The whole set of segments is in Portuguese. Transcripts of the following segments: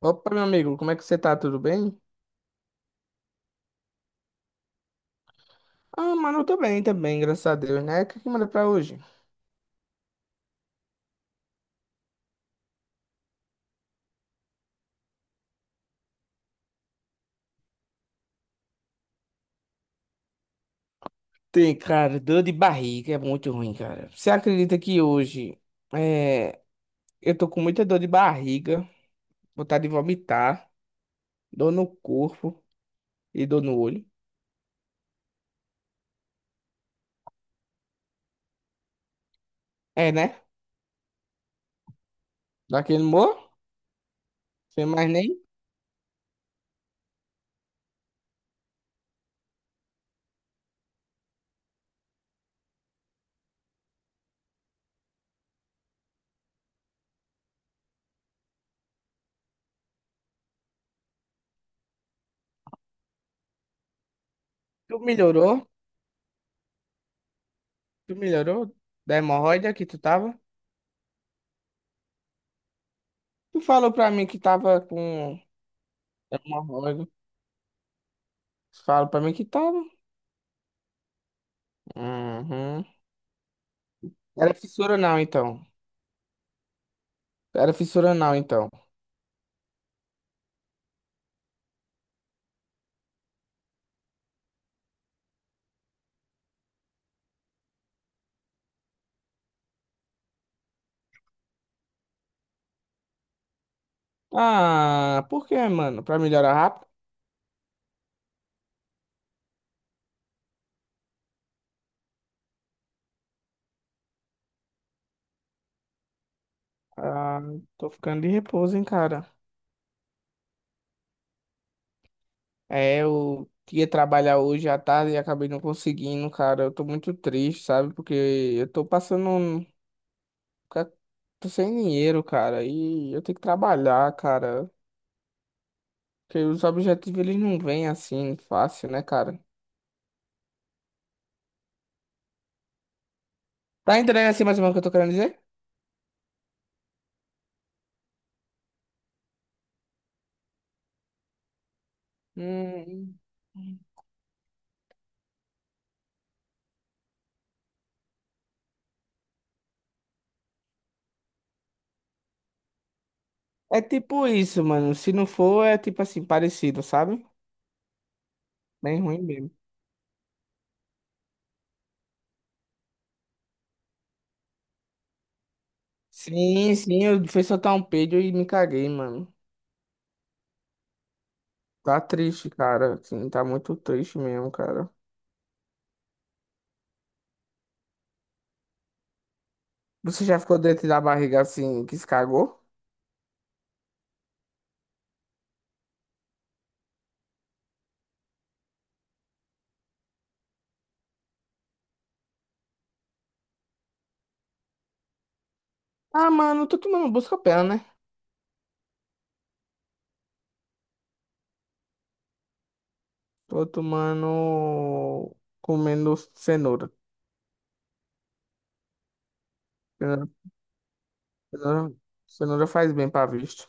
Opa, meu amigo, como é que você tá? Tudo bem? Ah, mano, eu tô bem também, graças a Deus, né? O que que manda pra hoje? Tem, cara, dor de barriga é muito ruim, cara. Você acredita que hoje é, eu tô com muita dor de barriga, vontade de vomitar, dor no corpo e dor no olho? É, né? Daquele humor? Sem mais nem? Tu melhorou? Tu melhorou da hemorroida que tu tava? Tu falou pra mim que tava com hemorroida. Tu falou pra mim que tava? Uhum. Era fissura não, então. Era fissura anal, então. Ah, por quê, mano? Pra melhorar rápido? Ah, tô ficando de repouso, hein, cara. É, eu ia trabalhar hoje à tarde e acabei não conseguindo, cara. Eu tô muito triste, sabe? Porque eu tô passando. Ca- Tô sem dinheiro, cara. E eu tenho que trabalhar, cara. Porque os objetivos, eles não vêm assim, fácil, né, cara? Tá entendendo assim mais ou menos o que eu tô querendo dizer? Hum. É tipo isso, mano. Se não for, é tipo assim, parecido, sabe? Bem ruim mesmo. Sim, sim, eu fui soltar um peido e me caguei, mano. Tá triste, cara. Assim, tá muito triste mesmo, cara. Você já ficou dentro da barriga assim, que se cagou? Ah, mano, eu tô tomando busca-pé, né? Tô tomando. Comendo cenoura. Cenoura, cenoura cenoura faz bem pra vista.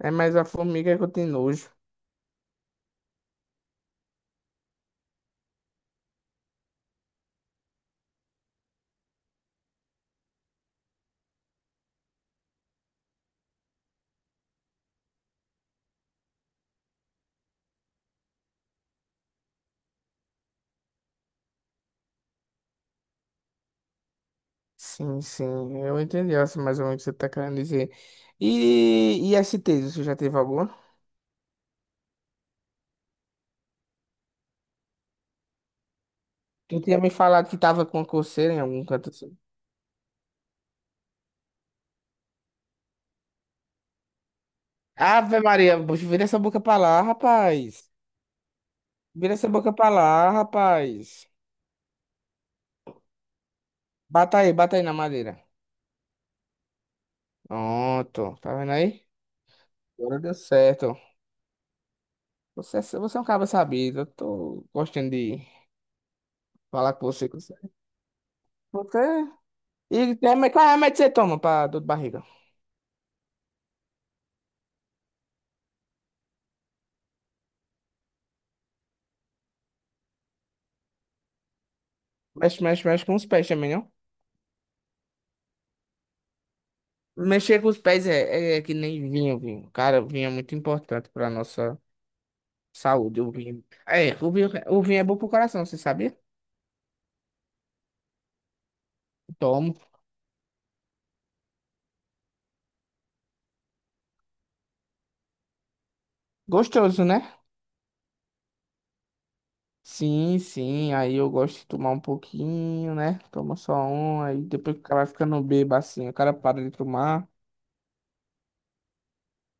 É mais a formiga que eu tenho nojo. Sim, sim, eu entendi assim, mais ou menos o que você tá querendo dizer. E S t você já teve alguma? Tu tinha me falado que tava com coceira em algum canto assim. Ave Maria, vira essa boca pra lá, rapaz. Vira essa boca pra lá, rapaz. Bata aí na madeira. Pronto, tá vendo aí? Agora deu certo. Você é um cara sabido, eu tô gostando de falar com você. Você... você- E tem qual remédio você toma pra dor de barriga? Mexe, mexe, mexe com os pés também, não? Mexer com os pés é, é é que nem vinho, vinho. Cara, o vinho é muito importante pra nossa saúde, o vinho. É, o vinho é bom pro coração, você sabia? Tomo. Gostoso, né? Sim, sim, aí eu gosto de tomar um pouquinho, né? Toma só um, aí depois que o cara vai ficando bêbado assim, o cara para de tomar.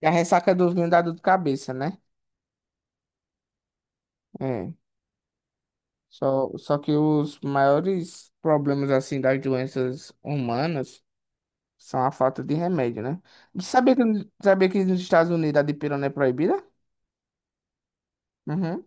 E a ressaca do vinho dá dor de cabeça, né? É. Só, só que os maiores problemas, assim, das doenças humanas são a falta de remédio, né? Sabia que, sabia que nos Estados Unidos a dipirona é proibida? Uhum.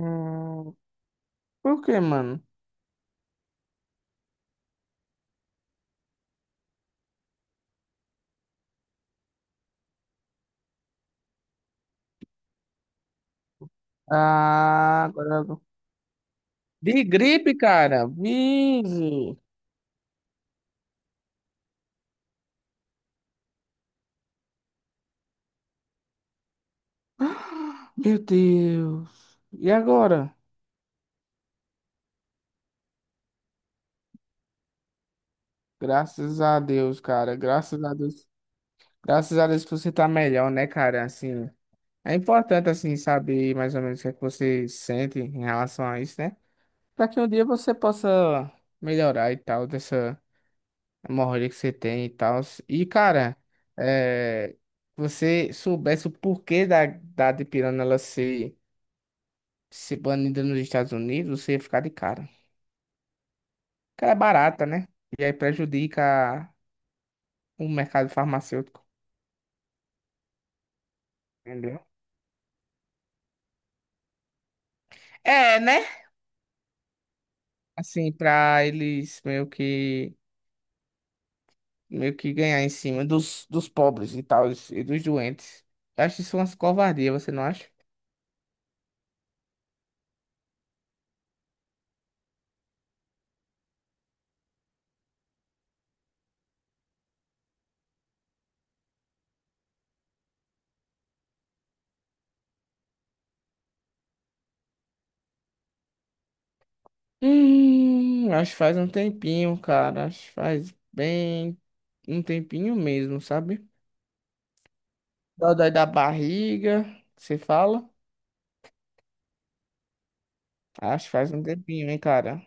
Hum, por quê, mano? Ah, agora... De gripe, cara. Vixe. Meu Deus. E agora? Graças a Deus, cara. Graças a Deus. Graças a Deus que você tá melhor, né, cara? Assim, é importante, assim, saber mais ou menos o que é que você sente em relação a isso, né? Pra que um dia você possa melhorar e tal, dessa hemorroida que você tem e tal. E, cara, é... você soubesse o porquê da dipirona ela ser banida nos Estados Unidos, você ia ficar de cara. Cara, é barata, né? E aí prejudica o mercado farmacêutico. Entendeu? É, né? Assim, para eles meio que ganhar em cima dos pobres e tal, e dos doentes. Eu acho isso umas covardia, você não acha? Acho que faz um tempinho, cara. Acho que faz bem um tempinho mesmo, sabe? Dói da barriga, você fala? Acho que faz um tempinho, hein, cara.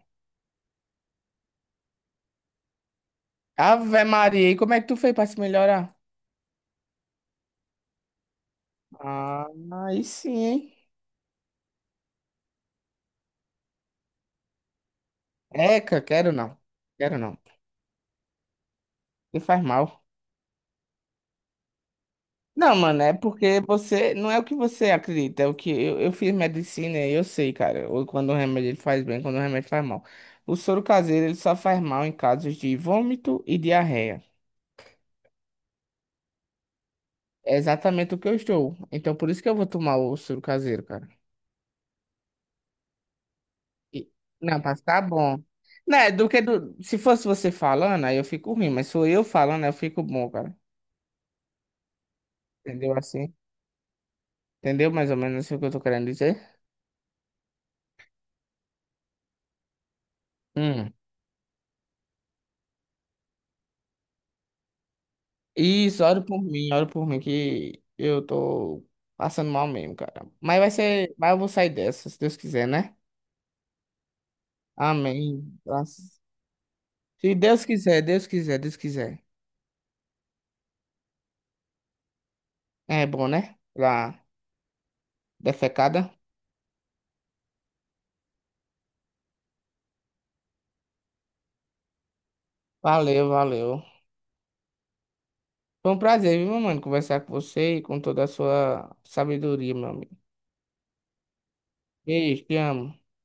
Ave Maria, e como é que tu fez pra se melhorar? Ah, aí sim, hein? Eca, quero não. Quero não. E faz mal. Não, mano, é porque você. Não é o que você acredita, é o que. Eu fiz medicina e eu sei, cara. Ou quando o remédio ele faz bem, quando o remédio faz mal. O soro caseiro ele só faz mal em casos de vômito e diarreia. É exatamente o que eu estou. Então por isso que eu vou tomar o soro caseiro, cara. E- Não, pra ficar bom. Né, do que do... Se fosse você falando, aí eu fico ruim, mas sou eu falando, aí eu fico bom, cara. Entendeu assim? Entendeu mais ou menos o que eu tô querendo dizer? Hum. Isso, ora por mim, que eu tô passando mal mesmo, cara. Mas vai ser, mas eu vou sair dessa, se Deus quiser, né? Amém. Graças- Se Deus quiser, Deus quiser, Deus quiser. É bom, né? Pra defecada. Valeu, valeu. Foi um prazer, viu, mano, conversar com você e com toda a sua sabedoria, meu amigo. Beijo, te amo.